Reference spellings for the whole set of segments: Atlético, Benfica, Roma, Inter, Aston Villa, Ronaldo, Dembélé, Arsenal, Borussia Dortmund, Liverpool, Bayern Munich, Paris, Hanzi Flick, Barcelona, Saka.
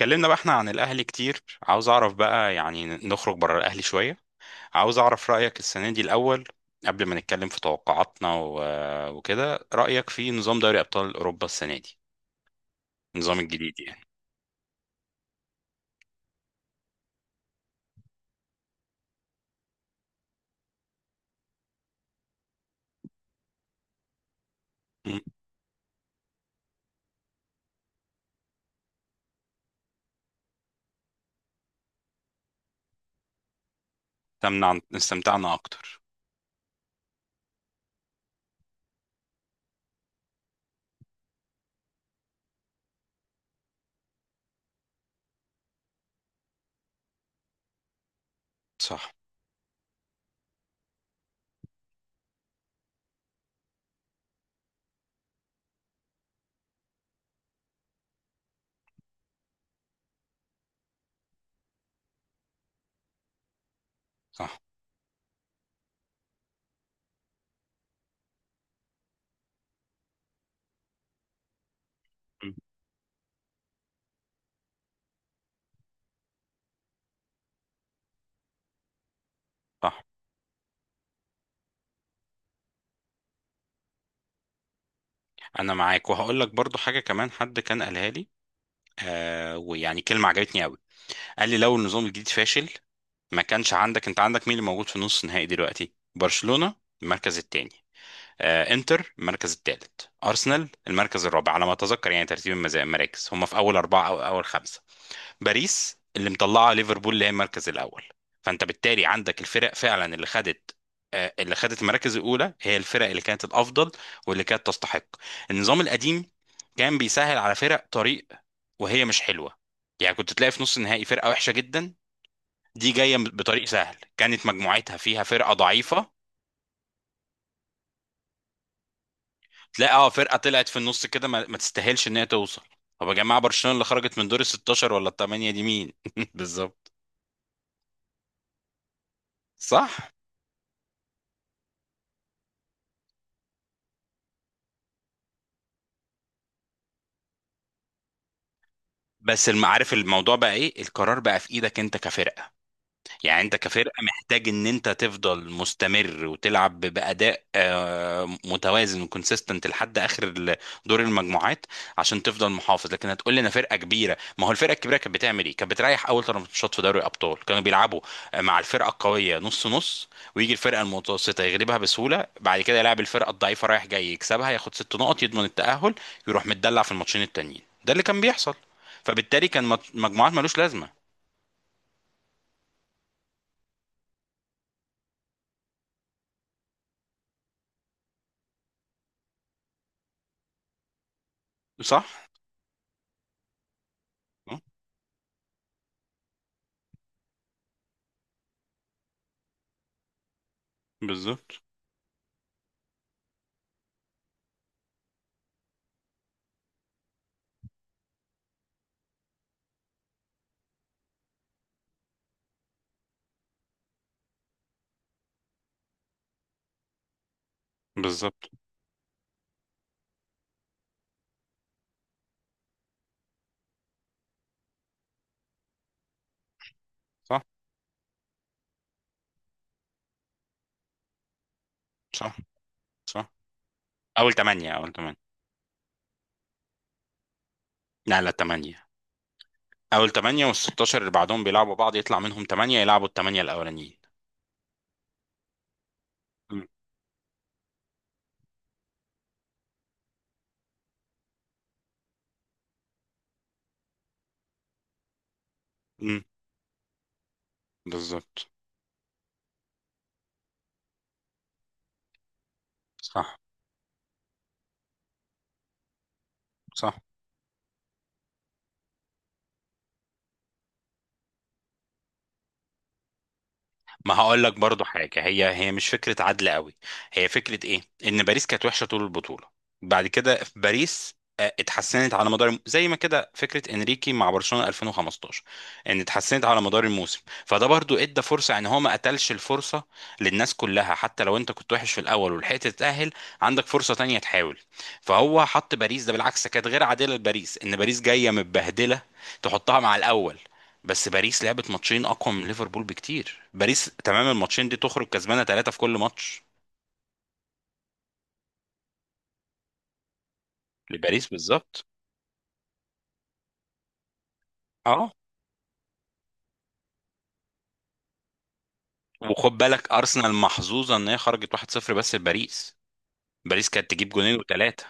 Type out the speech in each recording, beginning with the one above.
اتكلمنا بقى احنا عن الاهلي كتير. عاوز اعرف بقى يعني نخرج بره الاهلي شويه. عاوز اعرف رايك السنه دي الاول. قبل ما نتكلم في توقعاتنا و- وكده، رايك في نظام دوري ابطال اوروبا السنه دي، النظام الجديد يعني. م. استمتعنا اكتر. صح صح. م. صح. انا معاك، وهقول لك برضو حاجه كمان حد كان قالها لي، ويعني كلمه عجبتني قوي. قال لي لو النظام الجديد فاشل، ما كانش عندك. انت عندك مين اللي موجود في نص النهائي دلوقتي؟ برشلونه المركز الثاني، انتر المركز الثالث، ارسنال المركز الرابع على ما اتذكر. يعني ترتيب المراكز، هم في اول اربعه او اول خمسه. باريس اللي مطلعه، ليفربول اللي هي المركز الاول. فانت بالتالي عندك الفرق فعلا اللي خدت المراكز الاولى هي الفرق اللي كانت الافضل، واللي كانت تستحق. النظام القديم كان بيسهل على فرق طريق وهي مش حلوه. يعني كنت تلاقي في نص النهائي فرقه وحشه جدا دي جايه بطريق سهل، كانت مجموعتها فيها فرقه ضعيفه. تلاقي اه فرقه طلعت في النص كده، ما تستاهلش ان هي توصل. طب يا جماعه، برشلونه اللي خرجت من دور ال 16 ولا ال 8 دي مين؟ بالظبط. صح. عارف الموضوع بقى ايه؟ القرار بقى في ايدك انت كفرقه. يعني انت كفرقة محتاج ان انت تفضل مستمر وتلعب بأداء متوازن وكونسيستنت لحد دور المجموعات، عشان تفضل محافظ. لكن هتقول لي انا فرقة كبيرة. ما هو الفرقة الكبيرة كانت بتعمل ايه؟ كانت بتريح، اول ثلاث ماتشات في دوري الابطال كانوا بيلعبوا مع الفرقة القوية نص نص، ويجي الفرقة المتوسطة يغلبها بسهولة، بعد كده يلعب الفرقة الضعيفة رايح جاي يكسبها، ياخد ست نقط يضمن التأهل، يروح متدلع في الماتشين التانيين. ده اللي كان بيحصل. فبالتالي كان مجموعات ملوش لازمة. صح؟ اه، بالظبط. بالظبط. صح. صح. صح. اول ثمانية، اول ثمانية. لا لا، ثمانية. اول ثمانية، وال 16 اللي بعدهم بيلعبوا بعض يطلع منهم ثمانية يلعبوا الثمانية الاولانيين. امم. بالظبط. صح. صح. ما هقول لك برضو حاجة، هي مش فكرة عدل قوي. هي فكرة ايه؟ ان باريس كانت وحشة طول البطولة، بعد كده في باريس اتحسنت على مدار زي ما كده فكرة انريكي مع برشلونة 2015، ان اتحسنت على مدار الموسم. فده برضو ادى فرصة ان هو ما قتلش الفرصة للناس كلها، حتى لو انت كنت وحش في الاول ولحقت تتأهل، عندك فرصة تانية تحاول. فهو حط باريس، ده بالعكس كانت غير عادلة لباريس، ان باريس جاية متبهدلة تحطها مع الاول. بس باريس لعبت ماتشين اقوى من ليفربول بكتير، باريس تمام الماتشين دي تخرج كسبانه ثلاثه في كل ماتش. لباريس بالظبط. اه. وخد بالك ارسنال محظوظه ان هي خرجت 1-0 بس لباريس، باريس كانت تجيب جونين وثلاثه.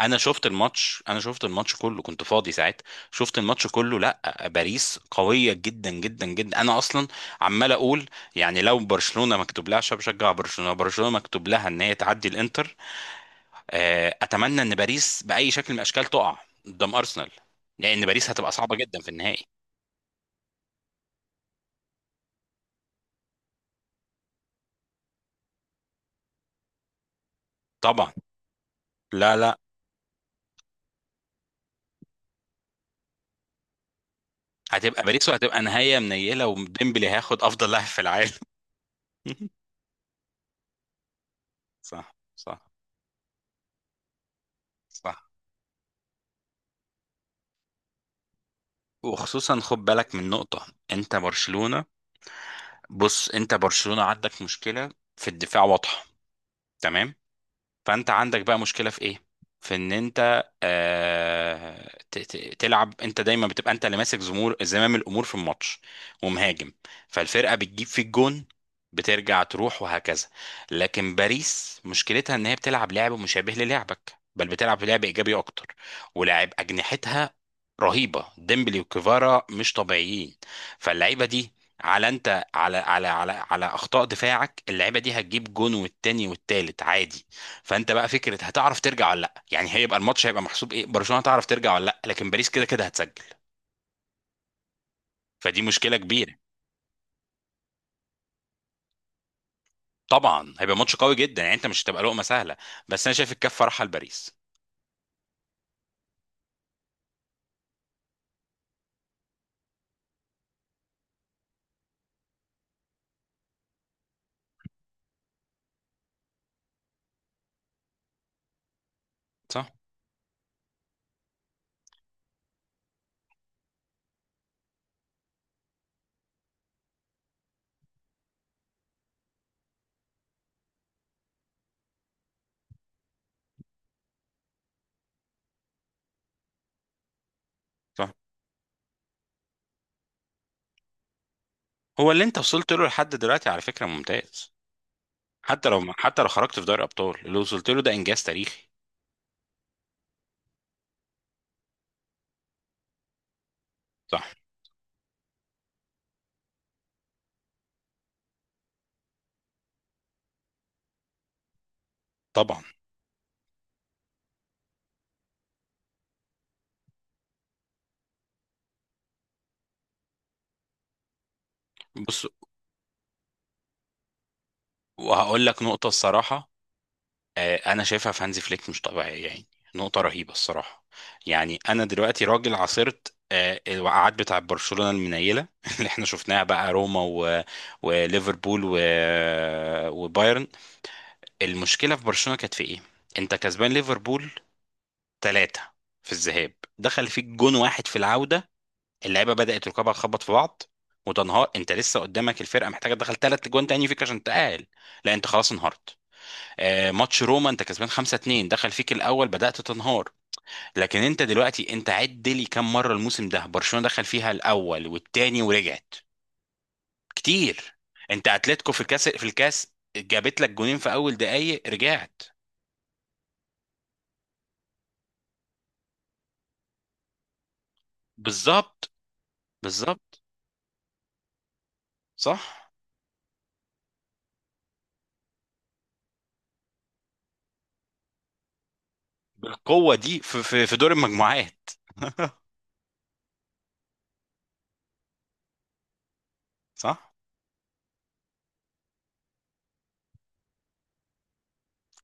انا شفت الماتش كله كنت فاضي ساعتها. شفت الماتش كله، لا باريس قويه جدا جدا جدا. انا اصلا عمال اقول، يعني لو برشلونه مكتوب لها، عشان بشجع برشلونه، برشلونه مكتوب لها ان هي تعدي الانتر، اتمنى ان باريس باي شكل من الاشكال تقع قدام ارسنال، لان باريس هتبقى صعبه جدا في النهائي. طبعا. لا لا، هتبقى باريس وهتبقى نهايه منيله، وديمبلي هياخد افضل لاعب في العالم. صح صح صح. وخصوصا خد بالك من نقطه، انت برشلونه. بص انت برشلونه عندك مشكله في الدفاع واضحه، تمام. فانت عندك بقى مشكله في ايه؟ في ان انت تلعب، انت دايما بتبقى انت اللي ماسك زمور زمام الامور في الماتش ومهاجم، فالفرقه بتجيب فيك جون، بترجع تروح وهكذا. لكن باريس مشكلتها ان هي بتلعب لعب مشابه للعبك، بل بتلعب لعب ايجابي اكتر، ولاعب اجنحتها رهيبه، ديمبلي وكيفارا مش طبيعيين. فاللعيبه دي، على انت على اخطاء دفاعك، اللعيبه دي هتجيب جون والتاني والتالت عادي. فانت بقى فكره هتعرف ترجع ولا لا؟ يعني هيبقى الماتش هيبقى محسوب ايه؟ برشلونه هتعرف ترجع ولا لا؟ لكن باريس كده كده هتسجل. فدي مشكله كبيره. طبعا هيبقى ماتش قوي جدا، يعني انت مش هتبقى لقمه سهله. بس انا شايف الكفه رايحه لباريس. صح صح. هو اللي انت وصلت له لحد دلوقتي على فكره ممتاز. حتى لو، حتى لو خرجت في دوري الابطال، اللي وصلت له ده انجاز تاريخي. صح. طبعا. بص، وهقول لك نقطه الصراحه، انا شايفها في هانزي فليك مش طبيعيه يعني. نقطه رهيبه الصراحه. يعني انا دلوقتي راجل عاصرت الوقعات بتاع برشلونه المنيله، اللي احنا شفناها بقى روما و... وليفربول و... وبايرن. المشكله في برشلونه كانت في ايه؟ انت كسبان ليفربول ثلاثة في الذهاب، دخل فيك جون واحد في العوده، اللعيبه بدات ركابها تخبط في بعض وتنهار، انت لسه قدامك الفرقه محتاجه تدخل ثلاث جوان تاني فيك عشان تقال، لا انت خلاص انهارت. ماتش روما انت كسبان 5-2، دخل فيك الاول بدأت تنهار. لكن انت دلوقتي، انت عد لي كم مرة الموسم ده برشلونة دخل فيها الاول والتاني ورجعت؟ كتير. انت اتلتيكو في الكاس، جابت لك جونين في اول دقايق، رجعت. بالظبط. بالظبط. صح. بالقوة دي، في دور المجموعات؟ صح.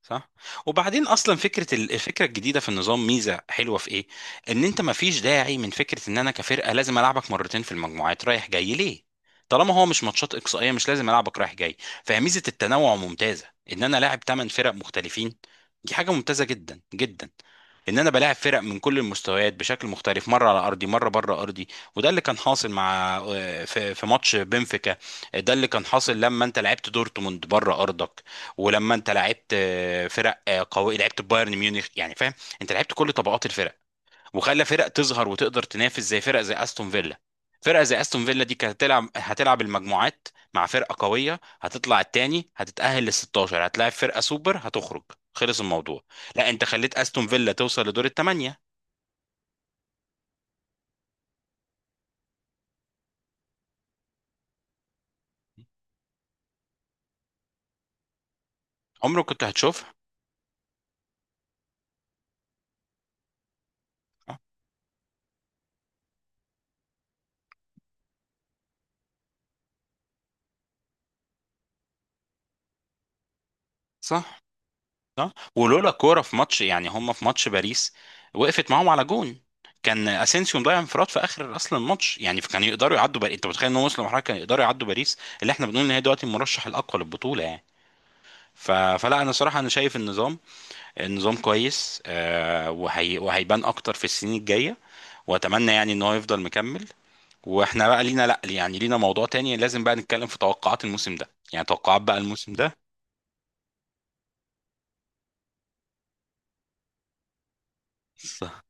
صح. وبعدين اصلا فكره ال- الفكره الجديده في النظام، ميزه حلوه في ايه؟ ان انت ما فيش داعي من فكره ان انا كفرقه لازم العبك مرتين في المجموعات رايح جاي ليه، طالما هو مش ماتشات اقصائيه مش لازم العبك رايح جاي. فهي ميزه التنوع ممتازه، ان انا لاعب ثمان فرق مختلفين، دي حاجه ممتازه جدا جدا، ان انا بلاعب فرق من كل المستويات بشكل مختلف، مره على ارضي مره بره ارضي. وده اللي كان حاصل مع في ماتش بنفيكا. ده اللي كان حاصل لما انت لعبت دورتموند بره ارضك، ولما انت لعبت فرق قوي، لعبت بايرن ميونخ، يعني فاهم. انت لعبت كل طبقات الفرق، وخلى فرق تظهر وتقدر تنافس، زي فرق زي استون فيلا. فرقه زي استون فيلا دي كانت هتلعب المجموعات مع فرقه قويه، هتطلع التاني هتتاهل لل 16، هتلاعب فرقه سوبر هتخرج، خلص الموضوع. لا انت خليت استون فيلا توصل لدور الثمانيه. عمرك كنت هتشوفها. صح. صح. ولولا كوره في ماتش، يعني هم في ماتش باريس وقفت معاهم على جون، كان اسينسيو مضيع انفراد في اخر اصلا الماتش، يعني كان يقدروا يعدوا باريس، انت متخيل ان هم وصلوا لمرحله كانوا يقدروا يعدوا باريس اللي احنا بنقول ان هي دلوقتي المرشح الاقوى للبطوله يعني. ف... فلا انا صراحه انا شايف النظام، النظام كويس آه، وهي... وهيبان اكتر في السنين الجايه، واتمنى يعني ان هو يفضل مكمل. واحنا بقى لينا، لا يعني لينا موضوع تاني لازم بقى نتكلم في توقعات الموسم ده، يعني توقعات بقى الموسم ده. صح.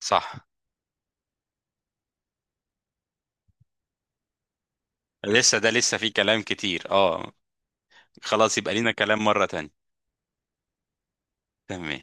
صح. لسه ده لسه فيه كلام كتير، اه. خلاص يبقى لينا كلام مرة تانية. تمام.